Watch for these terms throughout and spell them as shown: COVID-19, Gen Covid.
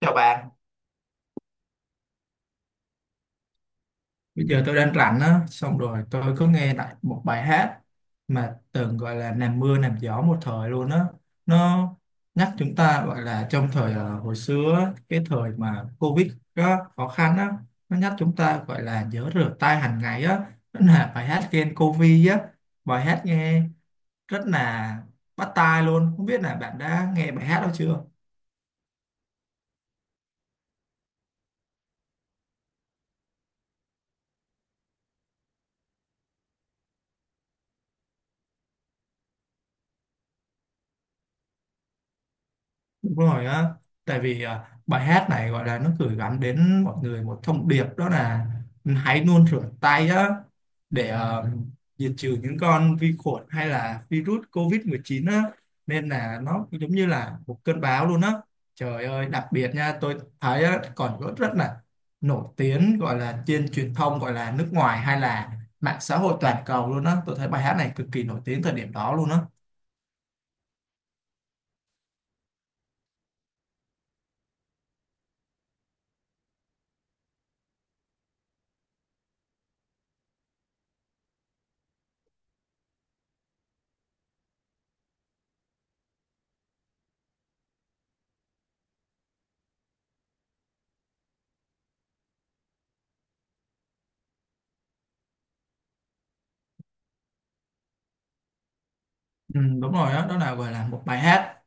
Chào bạn. Bây giờ tôi đang rảnh á, xong rồi tôi có nghe lại một bài hát mà từng gọi là làm mưa làm gió một thời luôn á. Nó nhắc chúng ta gọi là trong thời hồi xưa á, cái thời mà Covid á, khó khăn á, nó nhắc chúng ta gọi là nhớ rửa tay hàng ngày á. Đó là bài hát Gen Covid á, bài hát nghe rất là bắt tai luôn. Không biết là bạn đã nghe bài hát đó chưa? Đúng rồi á, tại vì bài hát này gọi là nó gửi gắm đến mọi người một thông điệp, đó là hãy luôn rửa tay á để diệt trừ những con vi khuẩn hay là virus COVID-19 á, nên là nó giống như là một cơn bão luôn á. Trời ơi, đặc biệt nha, tôi thấy á, còn rất rất là nổi tiếng gọi là trên truyền thông gọi là nước ngoài hay là mạng xã hội toàn cầu luôn á. Tôi thấy bài hát này cực kỳ nổi tiếng thời điểm đó luôn á. Ừ, đúng rồi đó, đó là gọi là một bài hát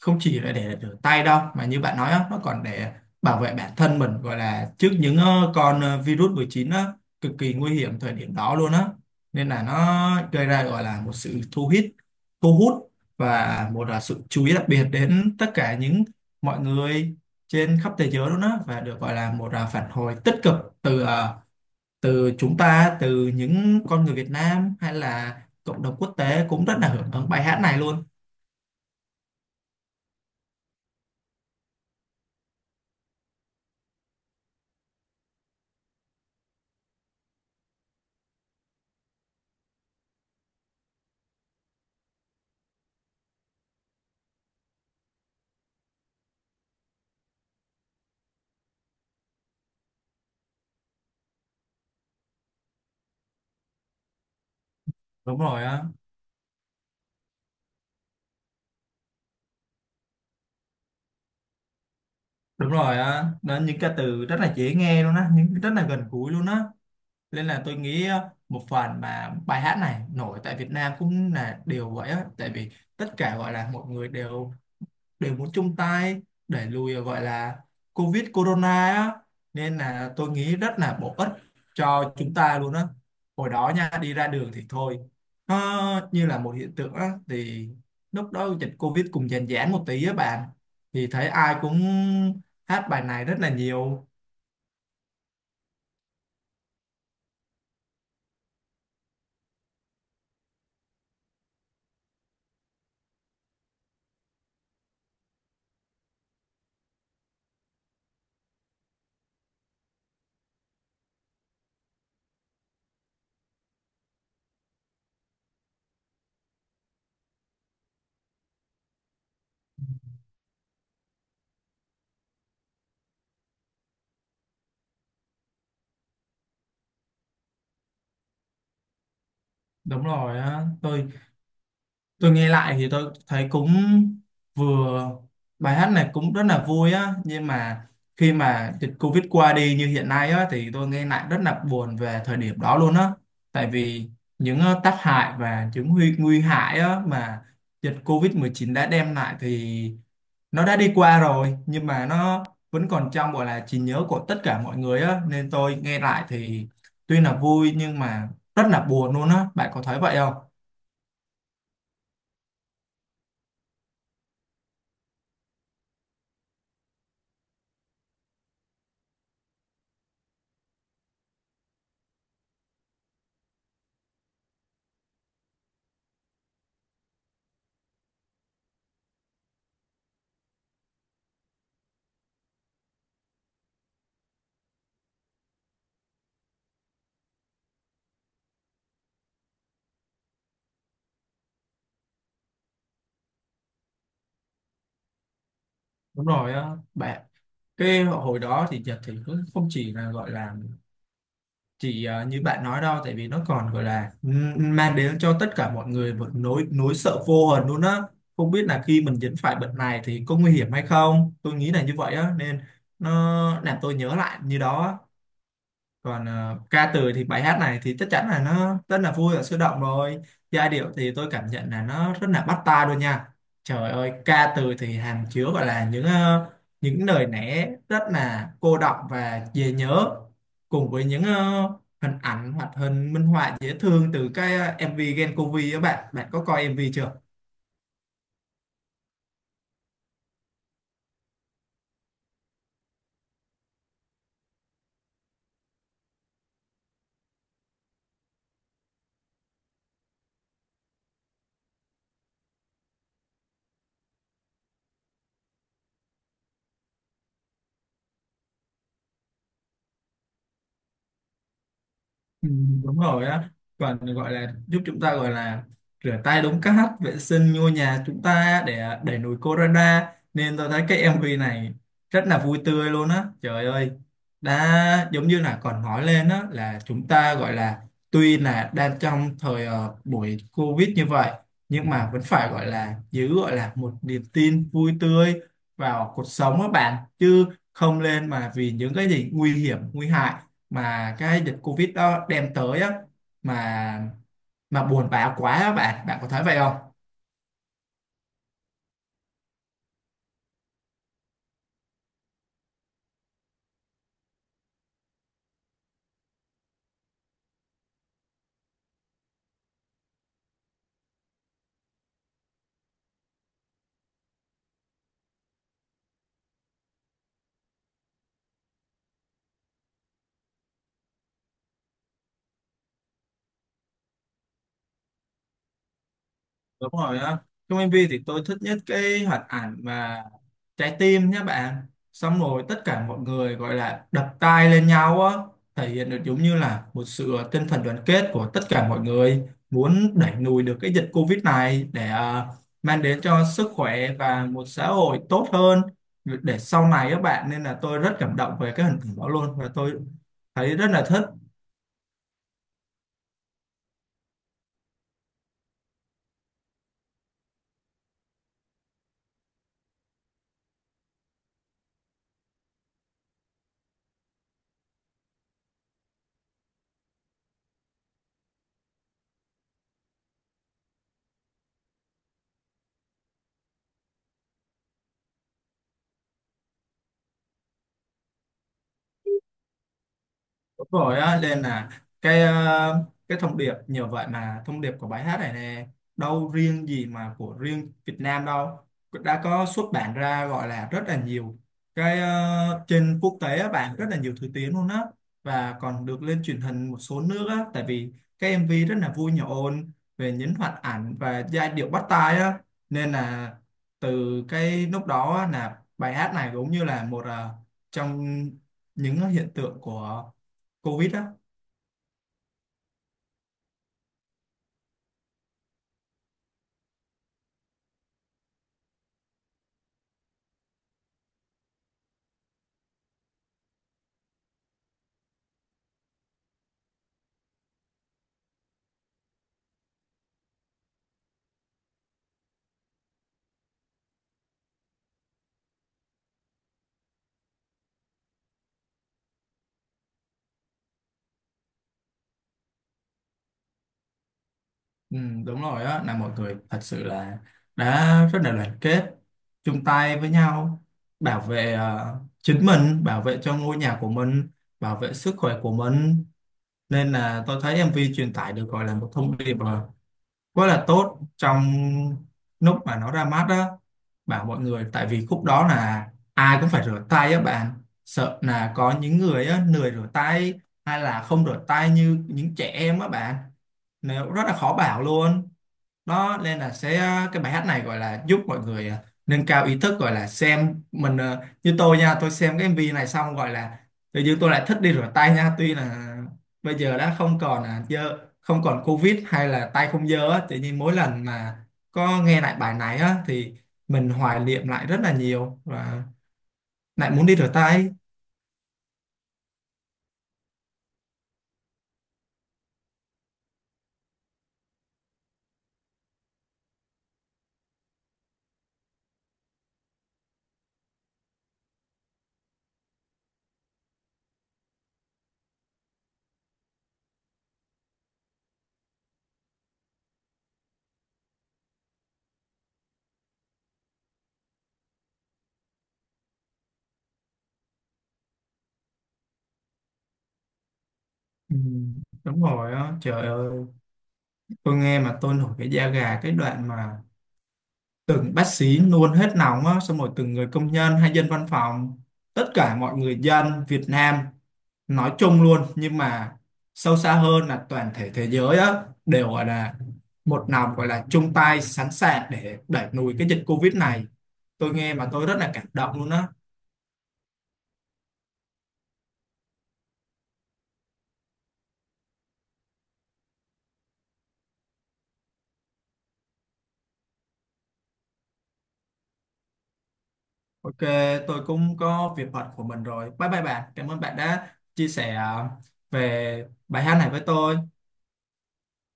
không chỉ là để rửa tay đâu mà như bạn nói á, nó còn để bảo vệ bản thân mình gọi là trước những con virus 19 á, cực kỳ nguy hiểm thời điểm đó luôn á, nên là nó gây ra gọi là một sự thu hút, thu hút và một là sự chú ý đặc biệt đến tất cả những mọi người trên khắp thế giới luôn á, và được gọi là một là phản hồi tích cực từ từ chúng ta, từ những con người Việt Nam hay là cộng đồng quốc tế cũng rất là hưởng ứng bài hát này luôn. Đúng rồi á. Đúng rồi á, đó những cái từ rất là dễ nghe luôn á, những rất là gần gũi luôn á. Nên là tôi nghĩ một phần mà bài hát này nổi tại Việt Nam cũng là điều vậy á, tại vì tất cả gọi là mọi người đều đều muốn chung tay đẩy lùi gọi là Covid Corona á, nên là tôi nghĩ rất là bổ ích cho chúng ta luôn á. Hồi đó nha, đi ra đường thì thôi, nó như là một hiện tượng á, thì lúc đó dịch Covid cùng dàn giãn một tí á bạn, thì thấy ai cũng hát bài này rất là nhiều. Đúng rồi á, tôi nghe lại thì tôi thấy cũng vừa, bài hát này cũng rất là vui á, nhưng mà khi mà dịch Covid qua đi như hiện nay á thì tôi nghe lại rất là buồn về thời điểm đó luôn á, tại vì những tác hại và những nguy nguy hại á mà dịch Covid-19 đã đem lại, thì nó đã đi qua rồi nhưng mà nó vẫn còn trong gọi là trí nhớ của tất cả mọi người á, nên tôi nghe lại thì tuy là vui nhưng mà rất là buồn luôn á. Bạn có thấy vậy không? Đúng rồi á bạn, cái hồi đó thì Nhật thì cũng không chỉ là gọi là chỉ như bạn nói đâu, tại vì nó còn gọi là mang đến cho tất cả mọi người một nỗi nỗi sợ vô hồn luôn á. Không biết là khi mình dính phải bệnh này thì có nguy hiểm hay không, tôi nghĩ là như vậy á, nên nó làm tôi nhớ lại như đó á. Còn ca từ thì bài hát này thì chắc chắn là nó rất là vui và sôi động rồi, giai điệu thì tôi cảm nhận là nó rất là bắt tai luôn nha. Trời ơi, ca từ thì hàm chứa gọi là những những lời lẽ rất là cô đọng và dễ nhớ, cùng với những hình ảnh hoặc hình minh họa dễ thương từ cái MV Gen Covid. Các bạn, bạn có coi MV chưa? Ừ, đúng rồi á, còn gọi là giúp chúng ta gọi là rửa tay đúng cách, vệ sinh ngôi nhà chúng ta để đẩy lùi corona, nên tôi thấy cái MV này rất là vui tươi luôn á. Trời ơi, đã giống như là còn nói lên á là chúng ta gọi là tuy là đang trong thời buổi Covid như vậy, nhưng mà vẫn phải gọi là giữ gọi là một niềm tin vui tươi vào cuộc sống các bạn chứ, không lên mà vì những cái gì nguy hiểm nguy hại mà cái dịch Covid đó đem tới á mà mà buồn bã quá á bạn. Bạn có thấy vậy không? Đúng rồi á. Trong MV thì tôi thích nhất cái hoạt ảnh mà trái tim nhé bạn. Xong rồi tất cả mọi người gọi là đập tay lên nhau á, thể hiện được giống như là một sự tinh thần đoàn kết của tất cả mọi người muốn đẩy lùi được cái dịch Covid này để mang đến cho sức khỏe và một xã hội tốt hơn để sau này các bạn, nên là tôi rất cảm động về cái hình ảnh đó luôn và tôi thấy rất là thích. Đúng rồi á, nên là cái cái thông điệp nhờ vậy mà thông điệp của bài hát này nè, đâu riêng gì mà của riêng Việt Nam đâu, đã có xuất bản ra gọi là rất là nhiều cái trên quốc tế á bạn, rất là nhiều thứ tiếng luôn á, và còn được lên truyền hình một số nước á, tại vì cái MV rất là vui nhộn về nhấn hoạt ảnh và giai điệu bắt tai á, nên là từ cái lúc đó á, là bài hát này cũng như là một trong những hiện tượng của Covid á. Ừ, đúng rồi á, là mọi người thật sự là đã rất là đoàn kết chung tay với nhau, bảo vệ chính mình, bảo vệ cho ngôi nhà của mình, bảo vệ sức khỏe của mình, nên là tôi thấy em MV truyền tải được gọi là một thông điệp quá là tốt trong lúc mà nó ra mắt đó, bảo mọi người tại vì khúc đó là ai cũng phải rửa tay á bạn, sợ là có những người á lười rửa tay hay là không rửa tay như những trẻ em á bạn, nếu rất là khó bảo luôn. Nó nên là sẽ cái bài hát này gọi là giúp mọi người nâng cao ý thức, gọi là xem mình như tôi nha, tôi xem cái MV này xong gọi là tự nhiên tôi lại thích đi rửa tay nha, tuy là bây giờ đã không còn dơ, không còn Covid hay là tay không dơ á, tự nhiên mỗi lần mà có nghe lại bài này á thì mình hoài niệm lại rất là nhiều và lại muốn đi rửa tay. Ừ, đúng rồi á, trời ơi, tôi nghe mà tôi nổi cái da gà cái đoạn mà từng bác sĩ luôn hết nóng á, xong rồi từng người công nhân hay dân văn phòng, tất cả mọi người dân Việt Nam nói chung luôn, nhưng mà sâu xa hơn là toàn thể thế giới á, đều gọi là một lòng gọi là chung tay sẵn sàng để đẩy lùi cái dịch Covid này, tôi nghe mà tôi rất là cảm động luôn á. Ok, tôi cũng có việc bận của mình rồi, bye bye bạn, cảm ơn bạn đã chia sẻ về bài hát này với tôi.